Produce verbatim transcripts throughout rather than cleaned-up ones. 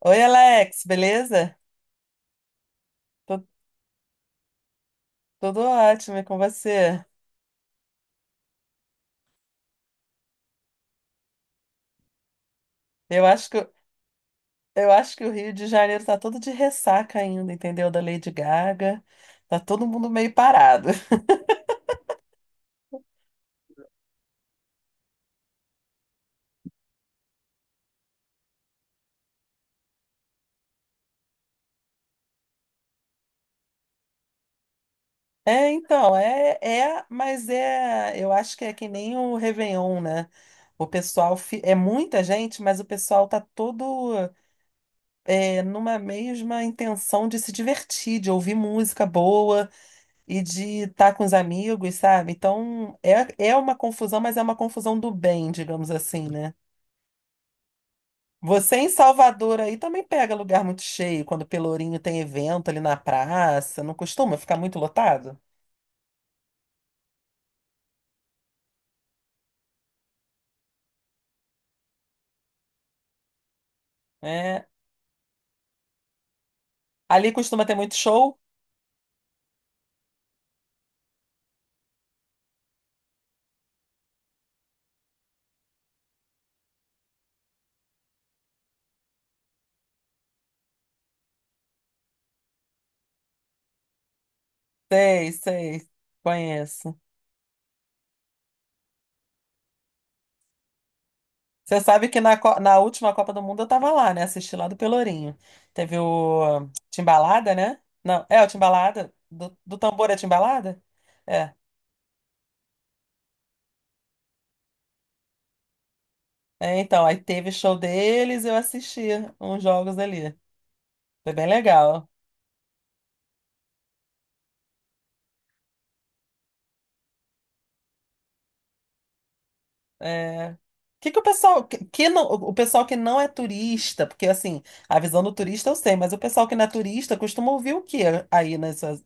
Oi, Alex, beleza? Tô- Tudo ótimo e com você. Eu acho que, eu acho que o Rio de Janeiro tá todo de ressaca ainda, entendeu? Da Lady Gaga. Tá todo mundo meio parado. É, então, é, é, mas é, eu acho que é que nem o Réveillon, né? O pessoal fi- é muita gente, mas o pessoal tá todo é, numa mesma intenção de se divertir, de ouvir música boa e de estar com os amigos, sabe? Então, é, é uma confusão, mas é uma confusão do bem, digamos assim, né? Você em Salvador aí também pega lugar muito cheio, quando Pelourinho tem evento ali na praça, não costuma ficar muito lotado? É. Ali costuma ter muito show? Sei, sei, conheço. Você sabe que na, co- na última Copa do Mundo eu tava lá, né? Assisti lá do Pelourinho. Teve o Timbalada, né? Não, é o Timbalada? Do, do tambor é Timbalada? É. É, então, aí teve show deles, eu assisti uns jogos ali. Foi bem legal. É... Que que o pessoal que, que não, o pessoal que não é turista, porque assim, a visão do turista eu sei, mas o pessoal que não é turista costuma ouvir o que aí nas suas,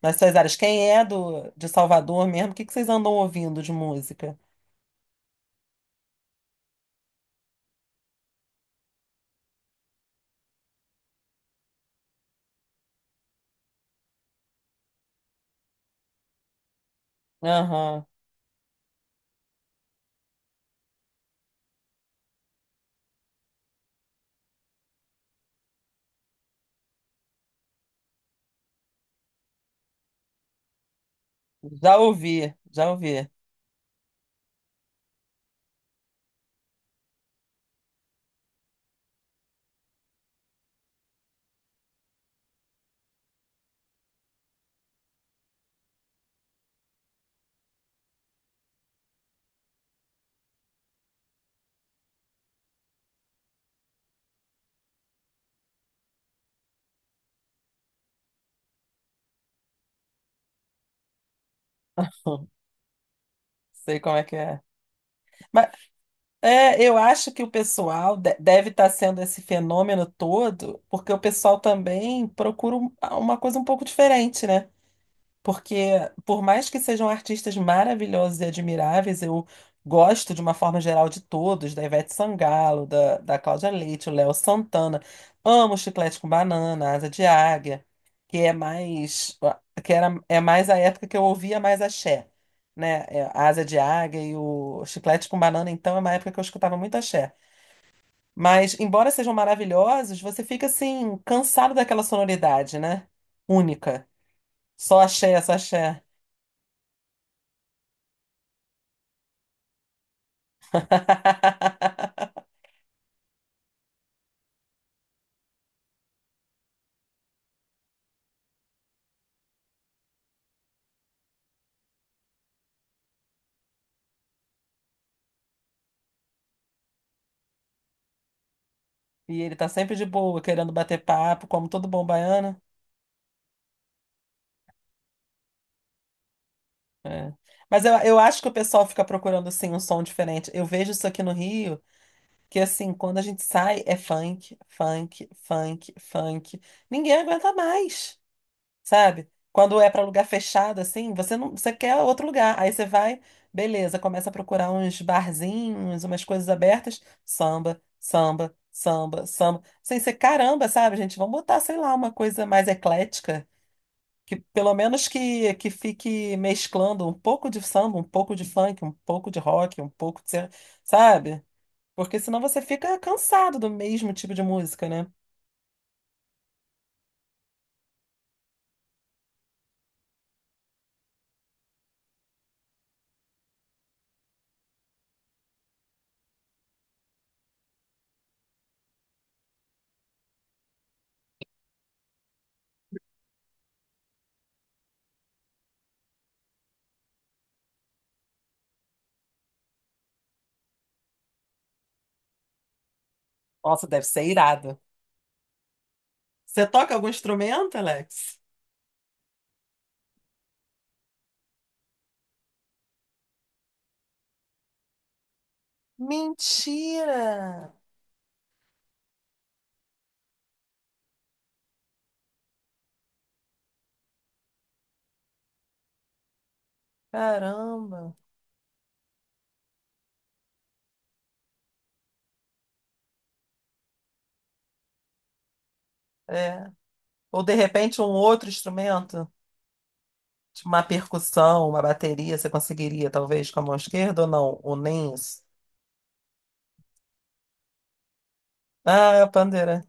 nas suas áreas? Quem é do de Salvador mesmo? O que que vocês andam ouvindo de música? Aham. Já ouvi, já ouvi. Sei como é que é. É, eu acho que o pessoal de- deve estar sendo esse fenômeno todo, porque o pessoal também procura um- uma coisa um pouco diferente, né? Porque, por mais que sejam artistas maravilhosos e admiráveis, eu gosto de uma forma geral de todos, da Ivete Sangalo, da, da Cláudia Leite, o Léo Santana. Amo Chiclete com Banana, Asa de Águia, que é mais, que era, é mais a época que eu ouvia mais axé, né? É, a Asa de Águia e o Chiclete com Banana, então, é uma época que eu escutava muito axé. Mas, embora sejam maravilhosos, você fica, assim, cansado daquela sonoridade, né? Única. Só axé, só axé. E ele tá sempre de boa, querendo bater papo, como todo bom baiano. É. Mas eu, eu acho que o pessoal fica procurando, assim, um som diferente. Eu vejo isso aqui no Rio, que, assim, quando a gente sai, é funk, funk, funk, funk. Ninguém aguenta mais. Sabe? Quando é para lugar fechado, assim, você não, você quer outro lugar. Aí você vai, beleza, começa a procurar uns barzinhos, umas coisas abertas, samba, samba, samba, samba. Sem ser caramba, sabe, gente? Vamos botar, sei lá, uma coisa mais eclética, que pelo menos que, que fique mesclando um pouco de samba, um pouco de funk, um pouco de rock, um pouco de, ser- sabe? Porque senão você fica cansado do mesmo tipo de música, né? Nossa, deve ser irado. Você toca algum instrumento, Alex? Mentira! Caramba! É. Ou de repente um outro instrumento, tipo uma percussão, uma bateria, você conseguiria, talvez, com a mão esquerda ou não? Ou nem isso? Ah, é a pandeira.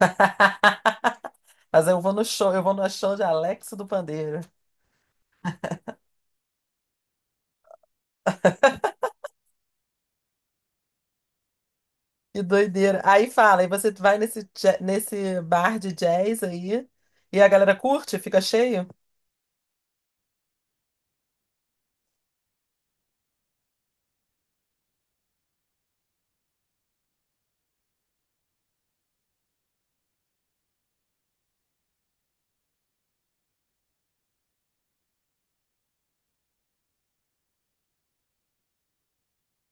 Mas eu vou no show, eu vou no show de Alex do Pandeiro. Que doideira. Aí fala, aí você vai nesse, ja- nesse bar de jazz aí, e a galera curte, fica cheio?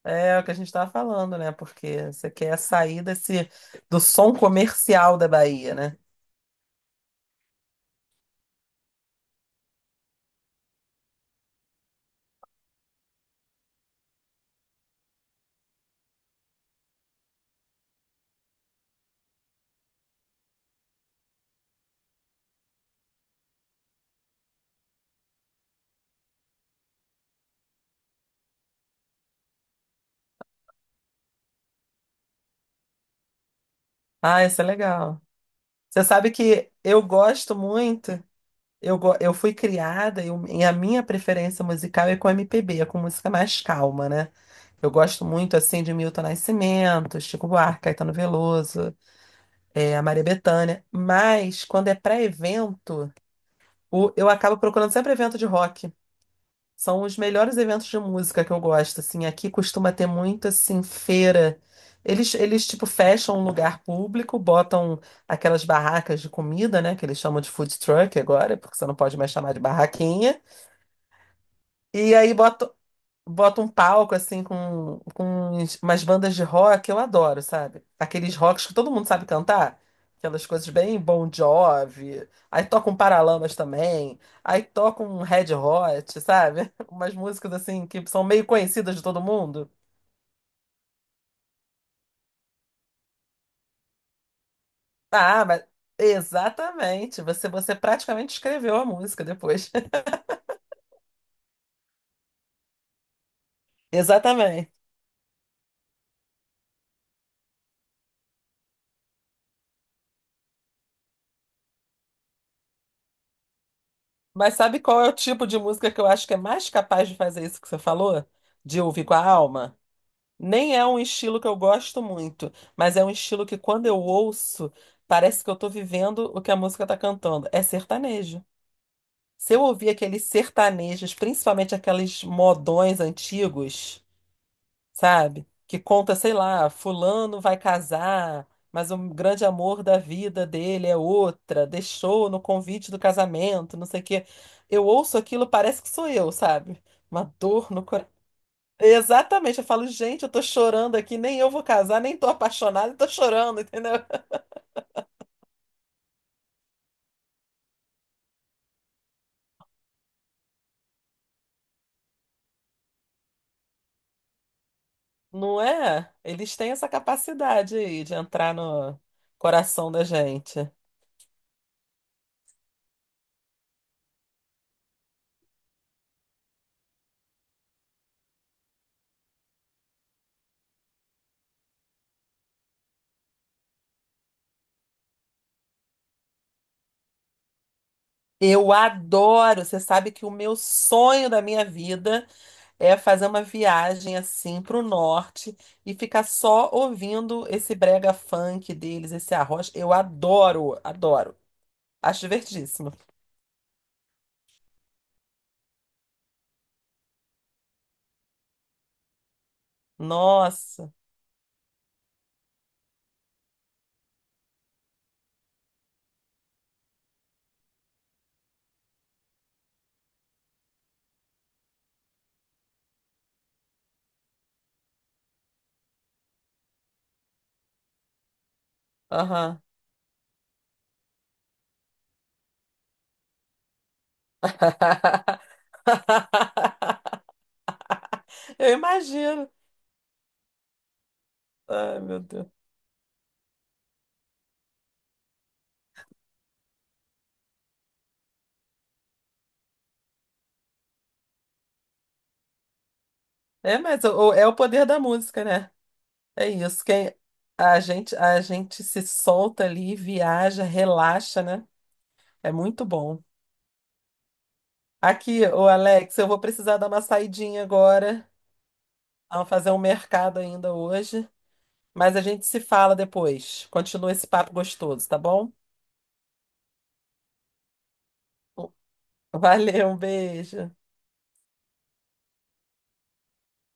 É o que a gente tava falando, né? Porque você quer sair desse, do som comercial da Bahia, né? Ah, isso é legal. Você sabe que eu gosto muito, eu, go- eu fui criada e, o- e a minha preferência musical é com M P B, é com música mais calma, né? Eu gosto muito, assim, de Milton Nascimento, Chico Buarque, Caetano Veloso, é, a Maria Bethânia, mas quando é para evento, o- eu acabo procurando sempre evento de rock. São os melhores eventos de música que eu gosto, assim. Aqui costuma ter muito, assim, feira. Eles, eles, tipo, fecham um lugar público, botam aquelas barracas de comida, né? Que eles chamam de food truck agora, porque você não pode mais chamar de barraquinha. E aí botam, bota um palco assim com, com uns- umas bandas de rock, eu adoro, sabe? Aqueles rocks que todo mundo sabe cantar. Aquelas coisas bem Bon Jovi. Aí toca um Paralamas também. Aí toca um Red Hot, sabe? Umas músicas assim que são meio conhecidas de todo mundo. Ah, mas exatamente. Você, você praticamente escreveu a música depois. Exatamente. Mas sabe qual é o tipo de música que eu acho que é mais capaz de fazer isso que você falou? De ouvir com a alma? Nem é um estilo que eu gosto muito, mas é um estilo que quando eu ouço, parece que eu tô vivendo o que a música tá cantando. É sertanejo. Se eu ouvir aqueles sertanejos, principalmente aqueles modões antigos, sabe? Que conta, sei lá, fulano vai casar, mas o grande amor da vida dele é outra, deixou no convite do casamento, não sei o quê. Eu ouço aquilo, parece que sou eu, sabe? Uma dor no Exatamente, eu falo, gente, eu tô chorando aqui, nem eu vou casar, nem tô apaixonada, tô chorando, entendeu? Não é? Eles têm essa capacidade aí de entrar no coração da gente. Eu adoro, você sabe que o meu sonho da minha vida é fazer uma viagem assim pro norte e ficar só ouvindo esse brega funk deles, esse arroz. Eu adoro, adoro. Acho divertidíssimo. Nossa. Aham. Eu imagino. Ai, meu Deus. É, mas o- o- é o poder da música, né? É isso. Quem a gente a gente se solta ali, viaja, relaxa, né? É muito bom. Aqui, ô Alex, eu vou precisar dar uma saidinha agora. Vamos fazer um mercado ainda hoje, mas a gente se fala depois. Continua esse papo gostoso, tá bom? Valeu, um beijo.